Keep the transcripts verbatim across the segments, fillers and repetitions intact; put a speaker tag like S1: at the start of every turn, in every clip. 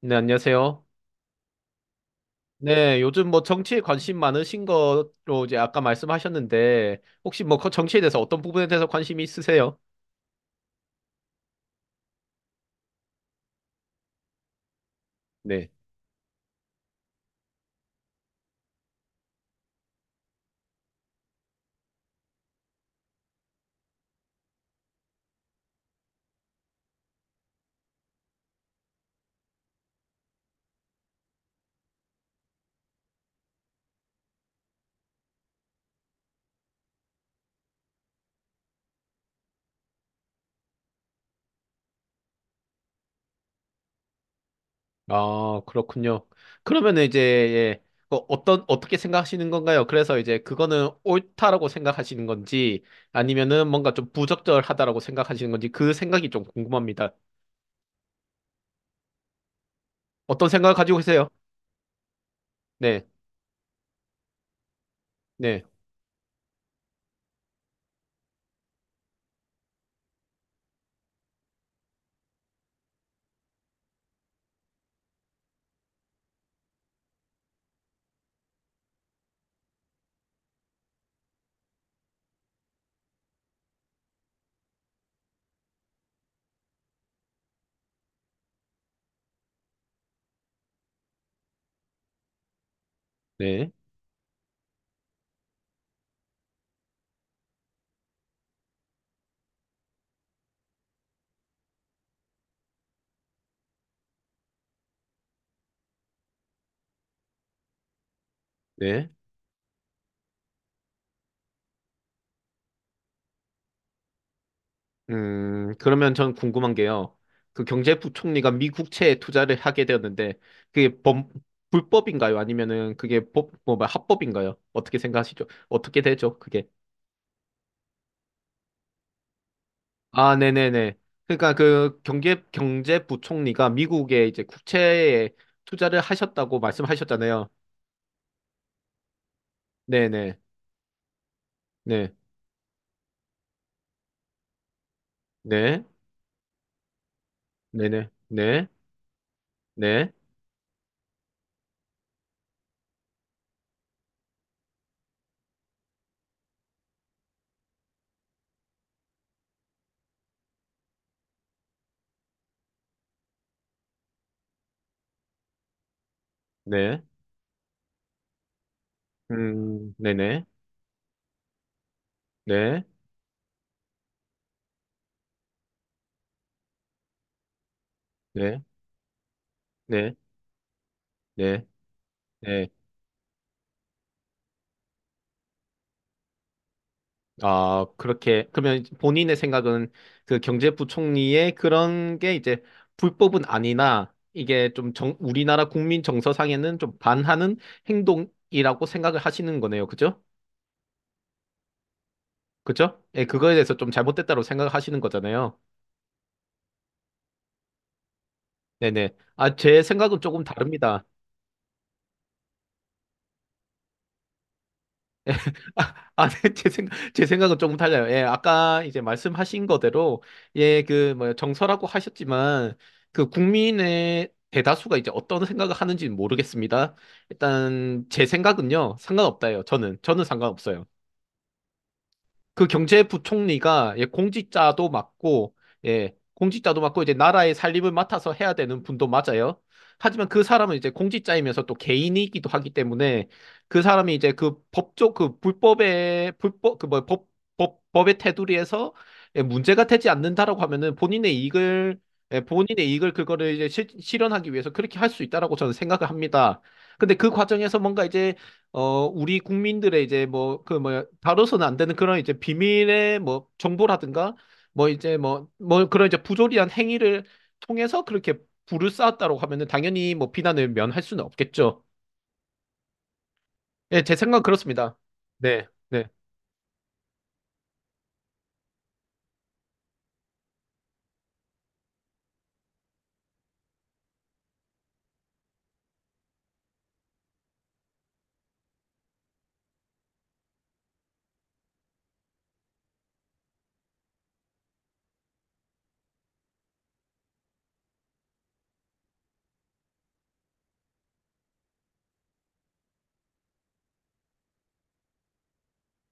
S1: 네, 안녕하세요. 네, 요즘 뭐 정치에 관심 많으신 거로 이제 아까 말씀하셨는데, 혹시 뭐 그 정치에 대해서 어떤 부분에 대해서 관심이 있으세요? 네. 아, 그렇군요. 그러면 이제, 예, 그 어떤, 어떻게 생각하시는 건가요? 그래서 이제 그거는 옳다라고 생각하시는 건지, 아니면은 뭔가 좀 부적절하다라고 생각하시는 건지, 그 생각이 좀 궁금합니다. 어떤 생각을 가지고 계세요? 네, 네, 네, 네. 음, 그러면 전 궁금한 게요. 그 경제부총리가 미국채에 투자를 하게 되었는데, 그게 범, 불법인가요? 아니면은 그게 법, 뭐, 뭐 합법인가요? 어떻게 생각하시죠? 어떻게 되죠? 그게. 아, 네네네. 그러니까 그 경제, 경제부총리가 미국의 이제 국채에 투자를 하셨다고 말씀하셨잖아요. 네네. 네. 네. 네네. 네. 네. 네. 음, 네네. 네. 네. 네. 네. 네. 아, 그렇게, 그러면 이제 본인의 생각은 그 경제부총리의 그런 게 이제 불법은 아니나 이게 좀 정, 우리나라 국민 정서상에는 좀 반하는 행동이라고 생각을 하시는 거네요. 그죠? 그죠? 예, 그거에 대해서 좀 잘못됐다고 생각하시는 거잖아요. 네네. 아, 제 생각은 조금 다릅니다. 아, 아, 네, 제 생각, 제 생각은 조금 달라요. 예, 아까 이제 말씀하신 거대로, 예, 그, 뭐, 정서라고 하셨지만, 그 국민의 대다수가 이제 어떤 생각을 하는지는 모르겠습니다. 일단, 제 생각은요, 상관없다예요. 저는, 저는 상관없어요. 그 경제부총리가 예, 공직자도 맞고 예, 공직자도 맞고 이제 나라의 살림을 맡아서 해야 되는 분도 맞아요. 하지만 그 사람은 이제 공직자이면서 또 개인이기도 하기 때문에 그 사람이 이제 그 법조 그 불법의 불법 그 뭐 법법 법의 테두리에서 예, 문제가 되지 않는다라고 하면은 본인의 이익을 예, 본인의 이익을 그거를 이제 실, 실현하기 위해서 그렇게 할 수 있다라고 저는 생각을 합니다. 근데 그 과정에서 뭔가 이제 어, 우리 국민들의 이제 뭐, 그 뭐야, 다뤄서는 안 되는 그런 이제 비밀의 뭐, 정보라든가, 뭐 이제 뭐, 뭐 그런 이제 부조리한 행위를 통해서 그렇게 부를 쌓았다고 하면은 당연히 뭐 비난을 면할 수는 없겠죠. 예, 제 생각은 그렇습니다. 네, 네,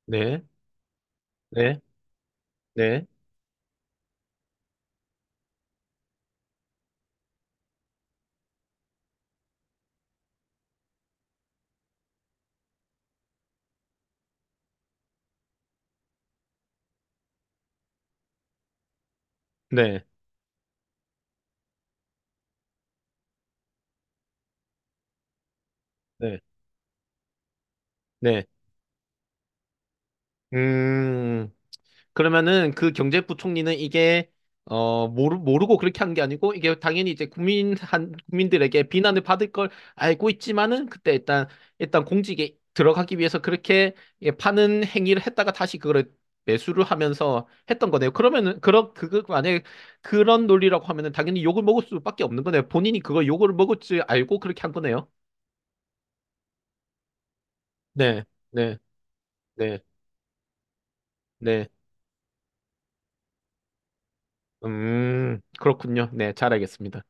S1: 네, 네, 네, 네, 네, 네. 음. 그러면은 그 경제부총리는 이게 어 모르 모르고 그렇게 한 게 아니고 이게 당연히 이제 국민 한 국민들에게 비난을 받을 걸 알고 있지만은 그때 일단 일단 공직에 들어가기 위해서 그렇게 예, 파는 행위를 했다가 다시 그걸 매수를 하면서 했던 거네요. 그러면은 그런 그거 만약에 그런 논리라고 하면은 당연히 욕을 먹을 수밖에 없는 거네요. 본인이 그걸 욕을 먹을 줄 알고 그렇게 한 거네요. 네, 네, 네, 네. 음, 그렇군요. 네, 잘 알겠습니다.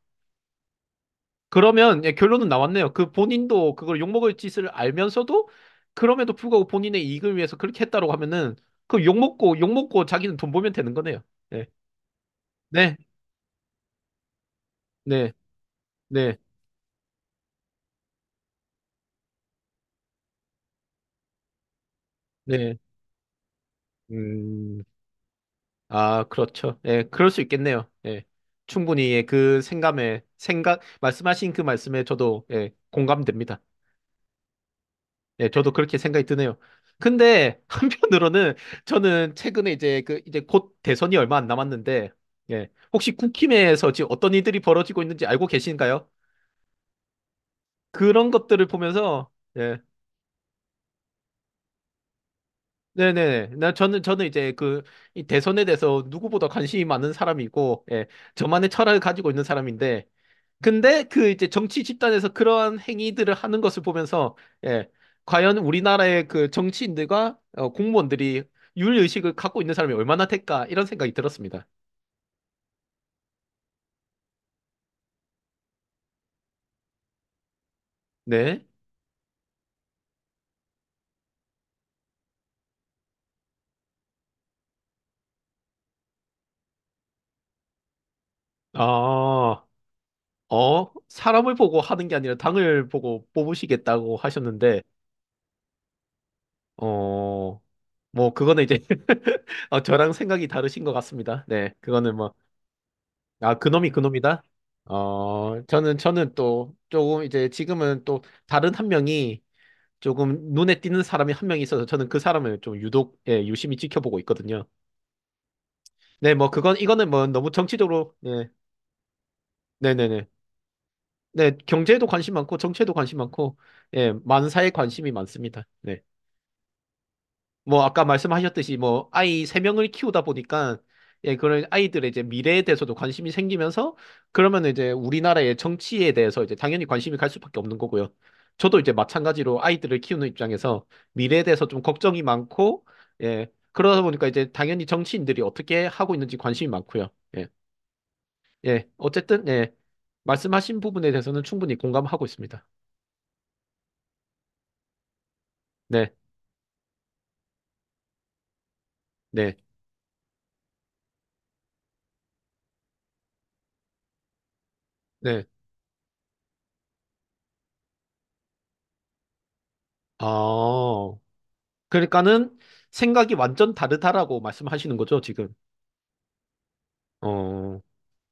S1: 그러면 예, 결론은 나왔네요. 그 본인도 그걸 욕먹을 짓을 알면서도 그럼에도 불구하고 본인의 이익을 위해서 그렇게 했다라고 하면은 그 욕먹고 욕먹고 자기는 돈 벌면 되는 거네요. 네. 네. 네. 네. 네. 음. 아, 그렇죠. 예, 그럴 수 있겠네요. 예. 충분히 예, 그 생감에 생각 말씀하신 그 말씀에 저도 예, 공감됩니다. 예, 저도 그렇게 생각이 드네요. 근데 한편으로는 저는 최근에 이제 그 이제 곧 대선이 얼마 안 남았는데 예, 혹시 국힘에서 지금 어떤 일들이 벌어지고 있는지 알고 계신가요? 그런 것들을 보면서 예, 네네네. 나 저는 저는 이제 그 이 대선에 대해서 누구보다 관심이 많은 사람이고, 예, 저만의 철학을 가지고 있는 사람인데, 근데 그 이제 정치 집단에서 그러한 행위들을 하는 것을 보면서, 예, 과연 우리나라의 그 정치인들과 어, 공무원들이 윤리의식을 갖고 있는 사람이 얼마나 될까 이런 생각이 들었습니다. 네. 아, 어, 사람을 보고 하는 게 아니라 당을 보고 뽑으시겠다고 하셨는데, 어. 뭐 그거는 이제 어, 저랑 생각이 다르신 것 같습니다. 네, 그거는 뭐, 아, 그놈이 그놈이다? 어, 저는, 저는 또 조금 이제 지금은 또 다른 한 명이 조금 눈에 띄는 사람이 한 명 있어서 저는 그 사람을 좀 유독, 예, 유심히 지켜보고 있거든요. 네, 뭐 그건, 이거는 뭐 너무 정치적으로, 예, 네네네. 네, 네, 네, 경제에도 관심 많고, 정치에도 관심 많고, 예, 많은 사에 관심이 많습니다. 네. 뭐 아까 말씀하셨듯이 뭐 아이 세 명을 키우다 보니까 예 그런 아이들의 이제 미래에 대해서도 관심이 생기면서 그러면 이제 우리나라의 정치에 대해서 이제 당연히 관심이 갈 수밖에 없는 거고요. 저도 이제 마찬가지로 아이들을 키우는 입장에서 미래에 대해서 좀 걱정이 많고 예 그러다 보니까 이제 당연히 정치인들이 어떻게 하고 있는지 관심이 많고요. 예. 예. 어쨌든 예. 말씀하신 부분에 대해서는 충분히 공감하고 있습니다. 네. 네. 네. 아. 그러니까는 생각이 완전 다르다라고 말씀하시는 거죠, 지금. 어,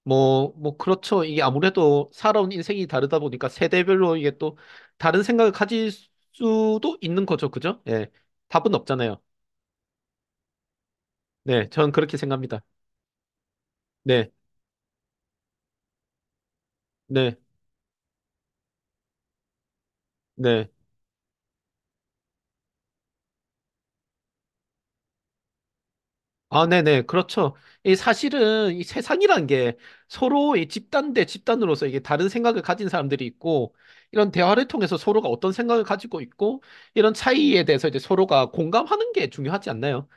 S1: 뭐, 뭐, 그렇죠. 이게 아무래도 살아온 인생이 다르다 보니까 세대별로 이게 또 다른 생각을 가질 수도 있는 거죠, 그죠? 예. 답은 없잖아요. 네, 저는 그렇게 생각합니다. 네, 네, 네. 아, 네네. 그렇죠. 이 사실은 이 세상이란 게 서로 이 집단 대 집단으로서 이게 다른 생각을 가진 사람들이 있고, 이런 대화를 통해서 서로가 어떤 생각을 가지고 있고, 이런 차이에 대해서 이제 서로가 공감하는 게 중요하지 않나요?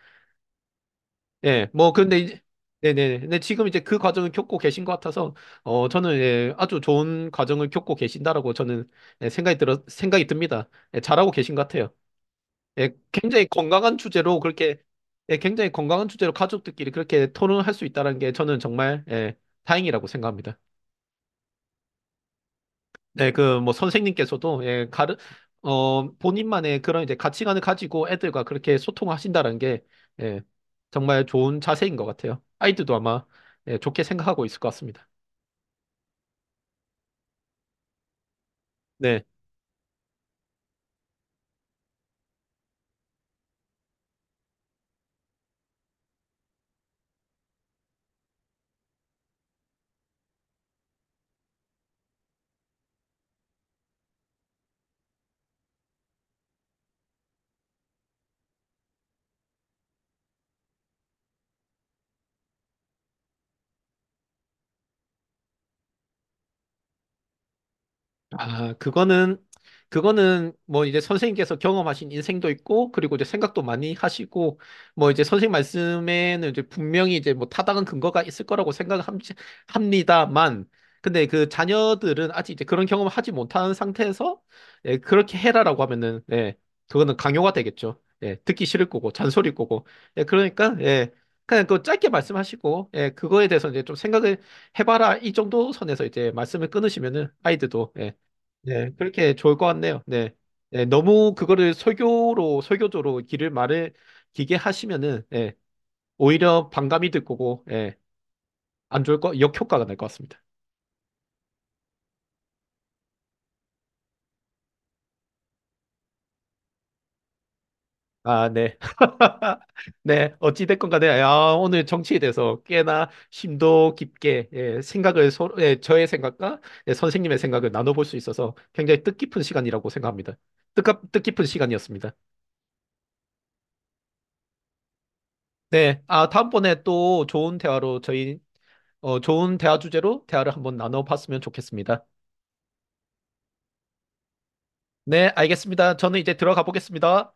S1: 예, 뭐, 근데 이제, 네네. 근데 지금 이제 그 과정을 겪고 계신 것 같아서, 어, 저는 예, 아주 좋은 과정을 겪고 계신다라고 저는 예, 생각이 들어, 생각이 듭니다. 예, 잘하고 계신 것 같아요. 예, 굉장히 건강한 주제로 그렇게 예, 굉장히 건강한 주제로 가족들끼리 그렇게 토론을 할 수 있다는 게 저는 정말 예, 다행이라고 생각합니다. 네, 그 뭐 선생님께서도 예, 가르 어 본인만의 그런 이제 가치관을 가지고 애들과 그렇게 소통하신다는 게 예, 정말 좋은 자세인 것 같아요. 아이들도 아마 예, 좋게 생각하고 있을 것 같습니다. 네. 아, 그거는, 그거는 뭐 이제 선생님께서 경험하신 인생도 있고, 그리고 이제 생각도 많이 하시고, 뭐 이제 선생님 말씀에는 이제 분명히 이제 뭐 타당한 근거가 있을 거라고 생각합니다만, 근데 그 자녀들은 아직 이제 그런 경험을 하지 못한 상태에서, 예, 그렇게 해라라고 하면은, 예, 그거는 강요가 되겠죠. 예, 듣기 싫을 거고, 잔소리일 거고. 예, 그러니까, 예, 그냥 그 짧게 말씀하시고, 예, 그거에 대해서 이제 좀 생각을 해봐라. 이 정도 선에서 이제 말씀을 끊으시면은 아이들도, 예, 네, 그렇게 좋을 것 같네요. 네. 네, 너무 그거를 설교로, 설교조로 길을 말을 기게 하시면은, 예, 오히려 반감이 들 거고, 예, 안 좋을 거, 역효과가 날 것 같습니다. 아, 네. 네, 어찌됐건 간에, 야, 오늘 정치에 대해서 꽤나 심도 깊게, 예, 생각을, 서 예, 저의 생각과 예, 선생님의 생각을 나눠볼 수 있어서 굉장히 뜻깊은 시간이라고 생각합니다. 뜻깊, 뜻깊은 시간이었습니다. 네, 아, 다음번에 또 좋은 대화로 저희 어, 좋은 대화 주제로 대화를 한번 나눠봤으면 좋겠습니다. 네, 알겠습니다. 저는 이제 들어가 보겠습니다.